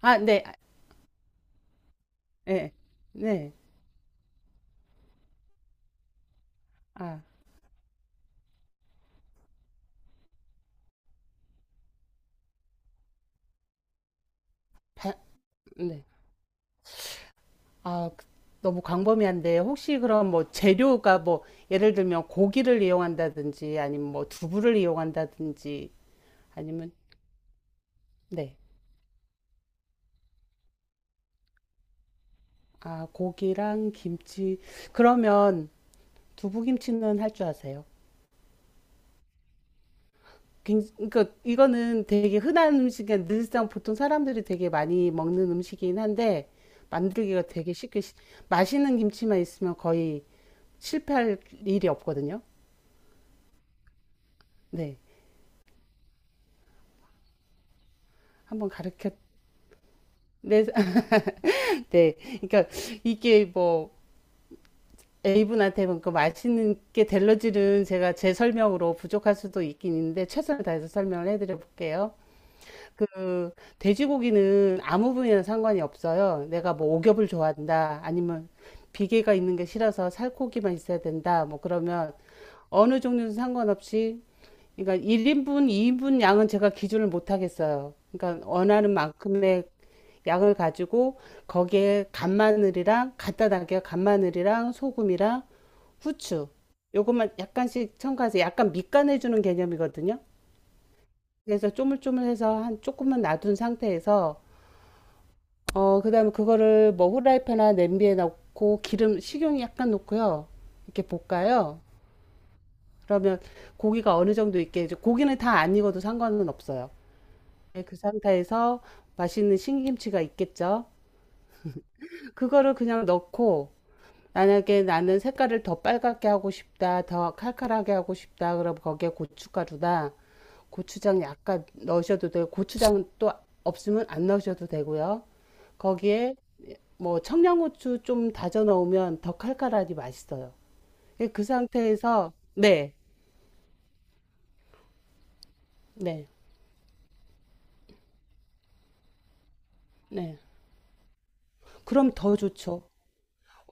아, 네. 아, 네. 네. 아, 바, 네. 아, 너무 광범위한데 혹시 그럼 뭐 재료가 뭐 예를 들면 고기를 이용한다든지 아니면 뭐 두부를 이용한다든지 아니면 네. 아, 고기랑 김치. 그러면 두부김치는 할 줄 아세요? 그러니까 이거는 되게 흔한 음식이 늘상 보통 사람들이 되게 많이 먹는 음식이긴 한데 만들기가 되게 쉽게 맛있는 김치만 있으면 거의 실패할 일이 없거든요. 네, 한번 가르쳐. 네, 네. 그러니까 이게 뭐 A분한테 뭐 그 맛있는 게 델러지는 제가 제 설명으로 부족할 수도 있긴 있는데 최선을 다해서 설명을 해드려 볼게요. 그 돼지고기는 아무 부위나 상관이 없어요. 내가 뭐 오겹을 좋아한다, 아니면 비계가 있는 게 싫어서 살코기만 있어야 된다. 뭐 그러면 어느 종류는 상관없이 그러니까 1인분, 2인분 양은 제가 기준을 못 하겠어요. 그러니까 원하는 만큼의 양을 가지고 거기에 간마늘이랑 갖다 담겨 간마늘이랑 소금이랑 후추 요것만 약간씩 첨가해서 약간 밑간해 주는 개념이거든요. 그래서 쪼물쪼물해서 한 조금만 놔둔 상태에서 어 그다음에 그거를 뭐 후라이팬이나 냄비에 넣고 기름 식용 약간 넣고요. 이렇게 볶아요. 그러면 고기가 어느 정도 있게 이제 고기는 다 안 익어도 상관은 없어요. 네, 그 상태에서 맛있는 신김치가 있겠죠. 그거를 그냥 넣고 만약에 나는 색깔을 더 빨갛게 하고 싶다, 더 칼칼하게 하고 싶다, 그럼 거기에 고춧가루다. 고추장 약간 넣으셔도 되고, 고추장은 또 없으면 안 넣으셔도 되고요. 거기에 뭐 청양고추 좀 다져 넣으면 더 칼칼하니 맛있어요. 그 상태에서, 네, 네, 네. 그럼 더 좋죠.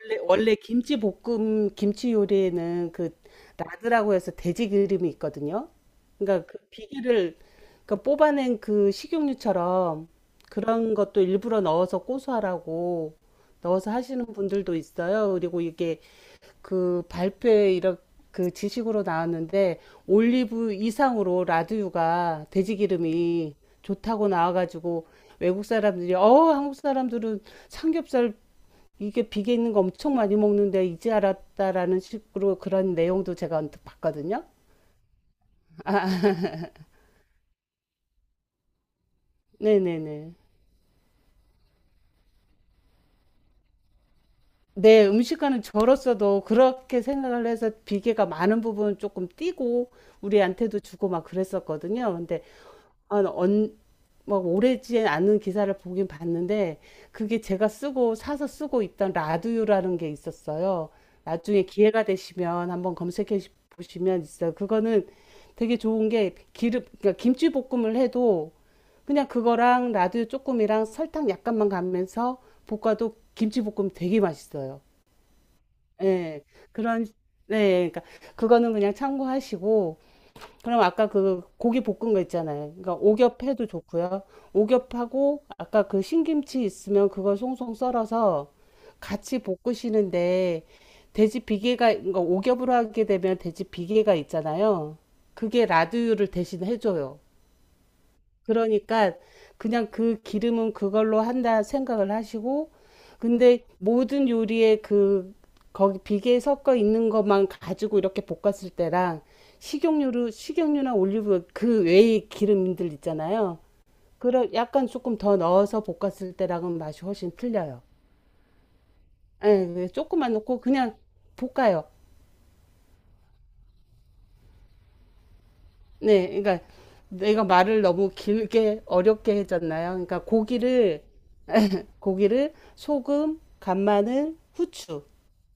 원래 김치 볶음, 김치 요리에는 그 라드라고 해서 돼지 기름이 있거든요. 그러니까 그 비기를 그러니까 뽑아낸 그 식용유처럼 그런 것도 일부러 넣어서 고소하라고 넣어서 하시는 분들도 있어요. 그리고 이게 그 발표에 이런 그 지식으로 나왔는데 올리브 이상으로 라드유가 돼지 기름이 좋다고 나와가지고 외국 사람들이 어 한국 사람들은 삼겹살 이게 비계 있는 거 엄청 많이 먹는데 이제 알았다라는 식으로 그런 내용도 제가 언뜻 봤거든요. 아, 네네네. 네, 음식과는 저로서도 그렇게 생각을 해서 비계가 많은 부분 조금 띄고 우리한테도 주고 막 그랬었거든요. 근데 아, 나 언, 막 오래지 않은 기사를 보긴 봤는데 그게 제가 쓰고 사서 쓰고 있던 라두유라는 게 있었어요. 나중에 기회가 되시면 한번 검색해 보시면 있어요. 그거는 되게 좋은 게 기름, 그러니까 김치 볶음을 해도 그냥 그거랑 라두유 조금이랑 설탕 약간만 가면서 볶아도 김치 볶음 되게 맛있어요. 예. 그런 네, 그러니까 그거는 그냥 참고하시고 그럼 아까 그 고기 볶은 거 있잖아요. 그러니까 오겹 해도 좋고요. 오겹하고 아까 그 신김치 있으면 그걸 송송 썰어서 같이 볶으시는데 돼지 비계가 그러니까 오겹으로 하게 되면 돼지 비계가 있잖아요. 그게 라드유를 대신 해줘요. 그러니까 그냥 그 기름은 그걸로 한다 생각을 하시고, 근데 모든 요리에 그, 거기 비계에 섞어 있는 것만 가지고 이렇게 볶았을 때랑 식용유나 올리브 그 외의 기름들 있잖아요. 그런 약간 조금 더 넣어서 볶았을 때랑은 맛이 훨씬 틀려요. 예, 네, 조금만 넣고 그냥 볶아요. 네, 그러니까 내가 말을 너무 길게 어렵게 해줬나요? 그러니까 고기를 소금, 간마늘, 후추.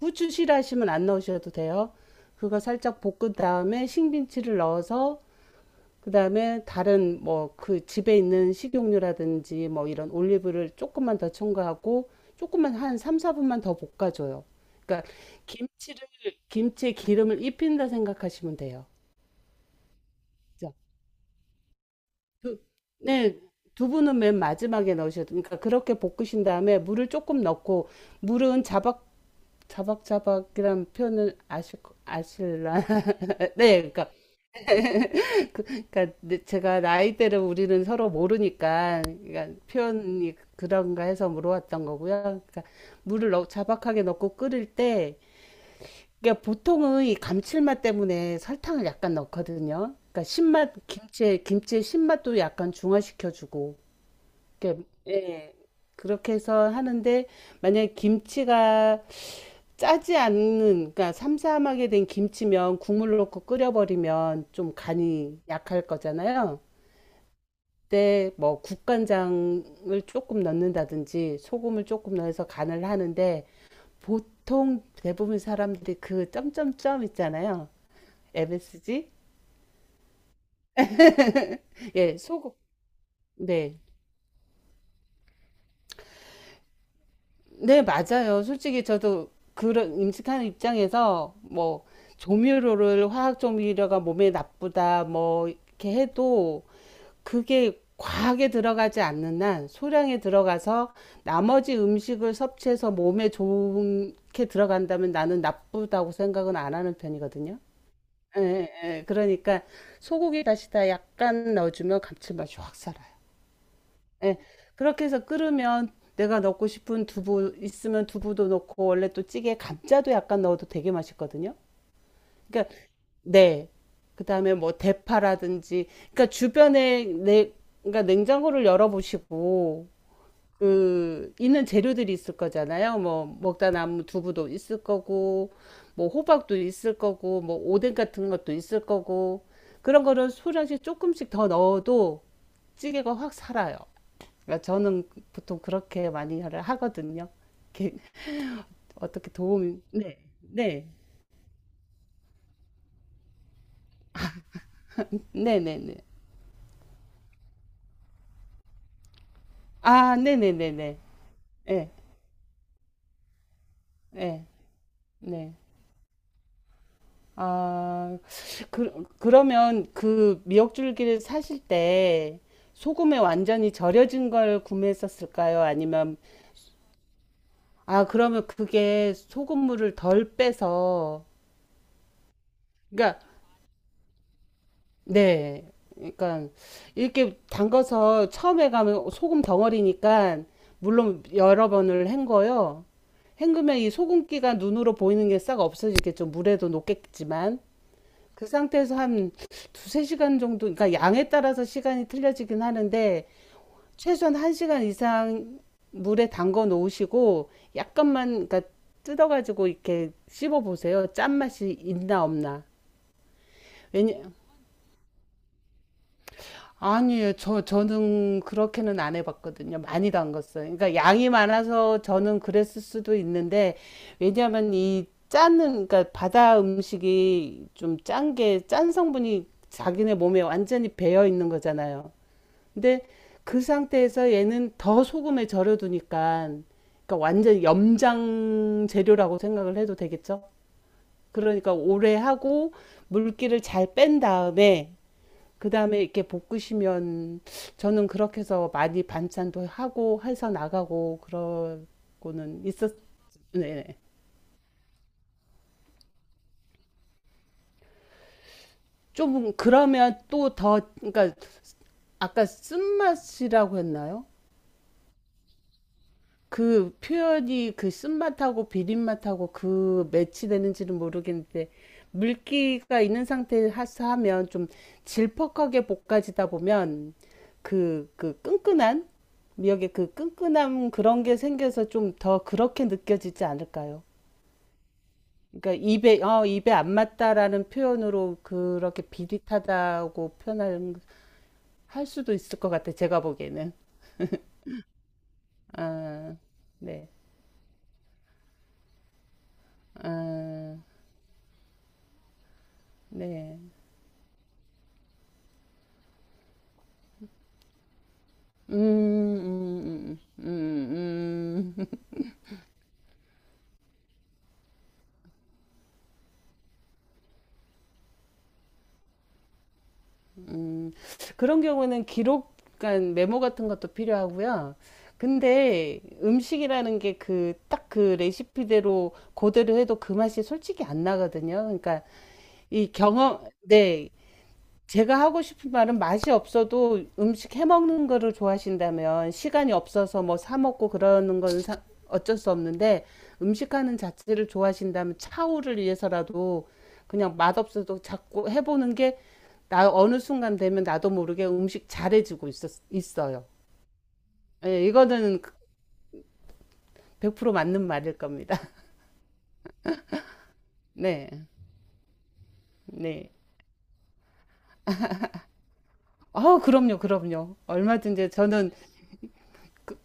후추 싫어하시면 안 넣으셔도 돼요. 그거 살짝 볶은 다음에 신김치를 넣어서 그다음에 다른 뭐 그 집에 있는 식용유라든지 뭐 이런 올리브를 조금만 더 첨가하고 조금만 한 3, 4분만 더 볶아줘요. 그러니까 김치를 김치에 기름을 입힌다 생각하시면 돼요. 그죠? 두- 네, 두부는 맨 마지막에 넣으셔도 그러니까 그렇게 볶으신 다음에 물을 조금 넣고 물은 자박 자박자박이라는 표현을 아실 아실라 네 그러니까 그러니까 네, 제가 나이대를 우리는 서로 모르니까 그러니까 표현이 그런가 해서 물어봤던 거고요. 그러니까 물을 넣, 자박하게 넣고 끓일 때 그러니까 보통은 이 감칠맛 때문에 설탕을 약간 넣거든요. 그러니까 신맛 김치의 신맛도 약간 중화시켜주고 이렇게 예 그렇게 해서 하는데 만약에 김치가 짜지 않는, 그러니까 삼삼하게 된 김치면 국물 넣고 끓여버리면 좀 간이 약할 거잖아요. 그때 뭐 국간장을 조금 넣는다든지 소금을 조금 넣어서 간을 하는데 보통 대부분 사람들이 그 점점점 있잖아요. MSG? 예, 소금. 네. 네, 맞아요. 솔직히 저도 그런 음식하는 입장에서 뭐 조미료를 화학 조미료가 몸에 나쁘다 뭐 이렇게 해도 그게 과하게 들어가지 않는 한 소량에 들어가서 나머지 음식을 섭취해서 몸에 좋게 들어간다면 나는 나쁘다고 생각은 안 하는 편이거든요. 예, 예, 예. 그러니까 소고기 다시다 약간 넣어주면 감칠맛이 확 살아요. 예. 그렇게 해서 끓으면 내가 넣고 싶은 두부 있으면 두부도 넣고 원래 또 찌개에 감자도 약간 넣어도 되게 맛있거든요. 그러니까 네. 그다음에 뭐 대파라든지 그러니까 주변에 내 그러니까 냉장고를 열어보시고 그 있는 재료들이 있을 거잖아요. 뭐 먹다 남은 두부도 있을 거고 뭐 호박도 있을 거고 뭐 오뎅 같은 것도 있을 거고 그런 거를 소량씩 조금씩 더 넣어도 찌개가 확 살아요. 그러니까 저는 보통 그렇게 많이 하거든요. 이렇게 어떻게 도움이 네. 네. 네, 네, 네. 아, 네, 네, 네, 네. 예. 예. 네. 아, 그러면 그 미역줄기를 사실 때 소금에 완전히 절여진 걸 구매했었을까요? 아니면, 아, 그러면 그게 소금물을 덜 빼서, 그러니까, 네. 그러니까, 이렇게 담가서 처음에 가면 소금 덩어리니까, 물론 여러 번을 헹궈요. 헹구면 이 소금기가 눈으로 보이는 게 싹 없어지겠죠. 물에도 녹겠지만. 그 상태에서 한 두세 시간 정도, 그러니까 양에 따라서 시간이 틀려지긴 하는데, 최소한 한 시간 이상 물에 담궈 놓으시고, 약간만, 그러니까 뜯어가지고 이렇게 씹어 보세요. 짠맛이 있나 없나. 왜냐, 아니에요. 저는 그렇게는 안 해봤거든요. 많이 담갔어요. 그러니까 양이 많아서 저는 그랬을 수도 있는데, 왜냐하면 이 짜는, 그러니까 바다 음식이 좀 짠 게, 짠 성분이 자기네 몸에 완전히 배어 있는 거잖아요. 근데 그 상태에서 얘는 더 소금에 절여두니까, 그러니까 완전 염장 재료라고 생각을 해도 되겠죠? 그러니까 오래 하고 물기를 잘 뺀 다음에 그 다음에 이렇게 볶으시면 저는 그렇게 해서 많이 반찬도 하고 해서 나가고 그러고는 있었, 네. 네. 좀 그러면 또 더, 그러니까 아까 쓴맛이라고 했나요? 그 표현이 그 쓴맛하고 비린맛하고 그 매치되는지는 모르겠는데 물기가 있는 상태에서 하면 좀 질퍽하게 볶아지다 보면 그 끈끈한 미역의 그 끈끈함 그런 게 생겨서 좀 더 그렇게 느껴지지 않을까요? 그러니까 입에 어 입에 안 맞다라는 표현으로 그렇게 비릿하다고 표현할 할 수도 있을 것 같아 제가 보기에는. 아, 네, 아, 네. 음, 음, 음, 음, 음. 음. 그런 경우는 기록, 간 메모 같은 것도 필요하고요. 근데 음식이라는 게 그 딱 그 레시피대로 그대로 해도 그 맛이 솔직히 안 나거든요. 그러니까 이 경험, 네, 제가 하고 싶은 말은 맛이 없어도 음식 해 먹는 거를 좋아하신다면 시간이 없어서 뭐 사 먹고 그러는 건 어쩔 수 없는데 음식하는 자체를 좋아하신다면 차후를 위해서라도 그냥 맛없어도 자꾸 해보는 게 나 어느 순간 되면 나도 모르게 음식 잘해지고 있었, 있어요. 예, 이거는 100% 맞는 말일 겁니다. 네, 네. 아, 그럼요, 그럼요. 얼마든지 저는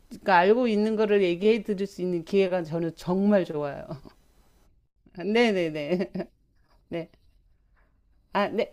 그러니까 알고 있는 거를 얘기해 드릴 수 있는 기회가 저는 정말 좋아요. 아, 네네네. 네. 아, 네.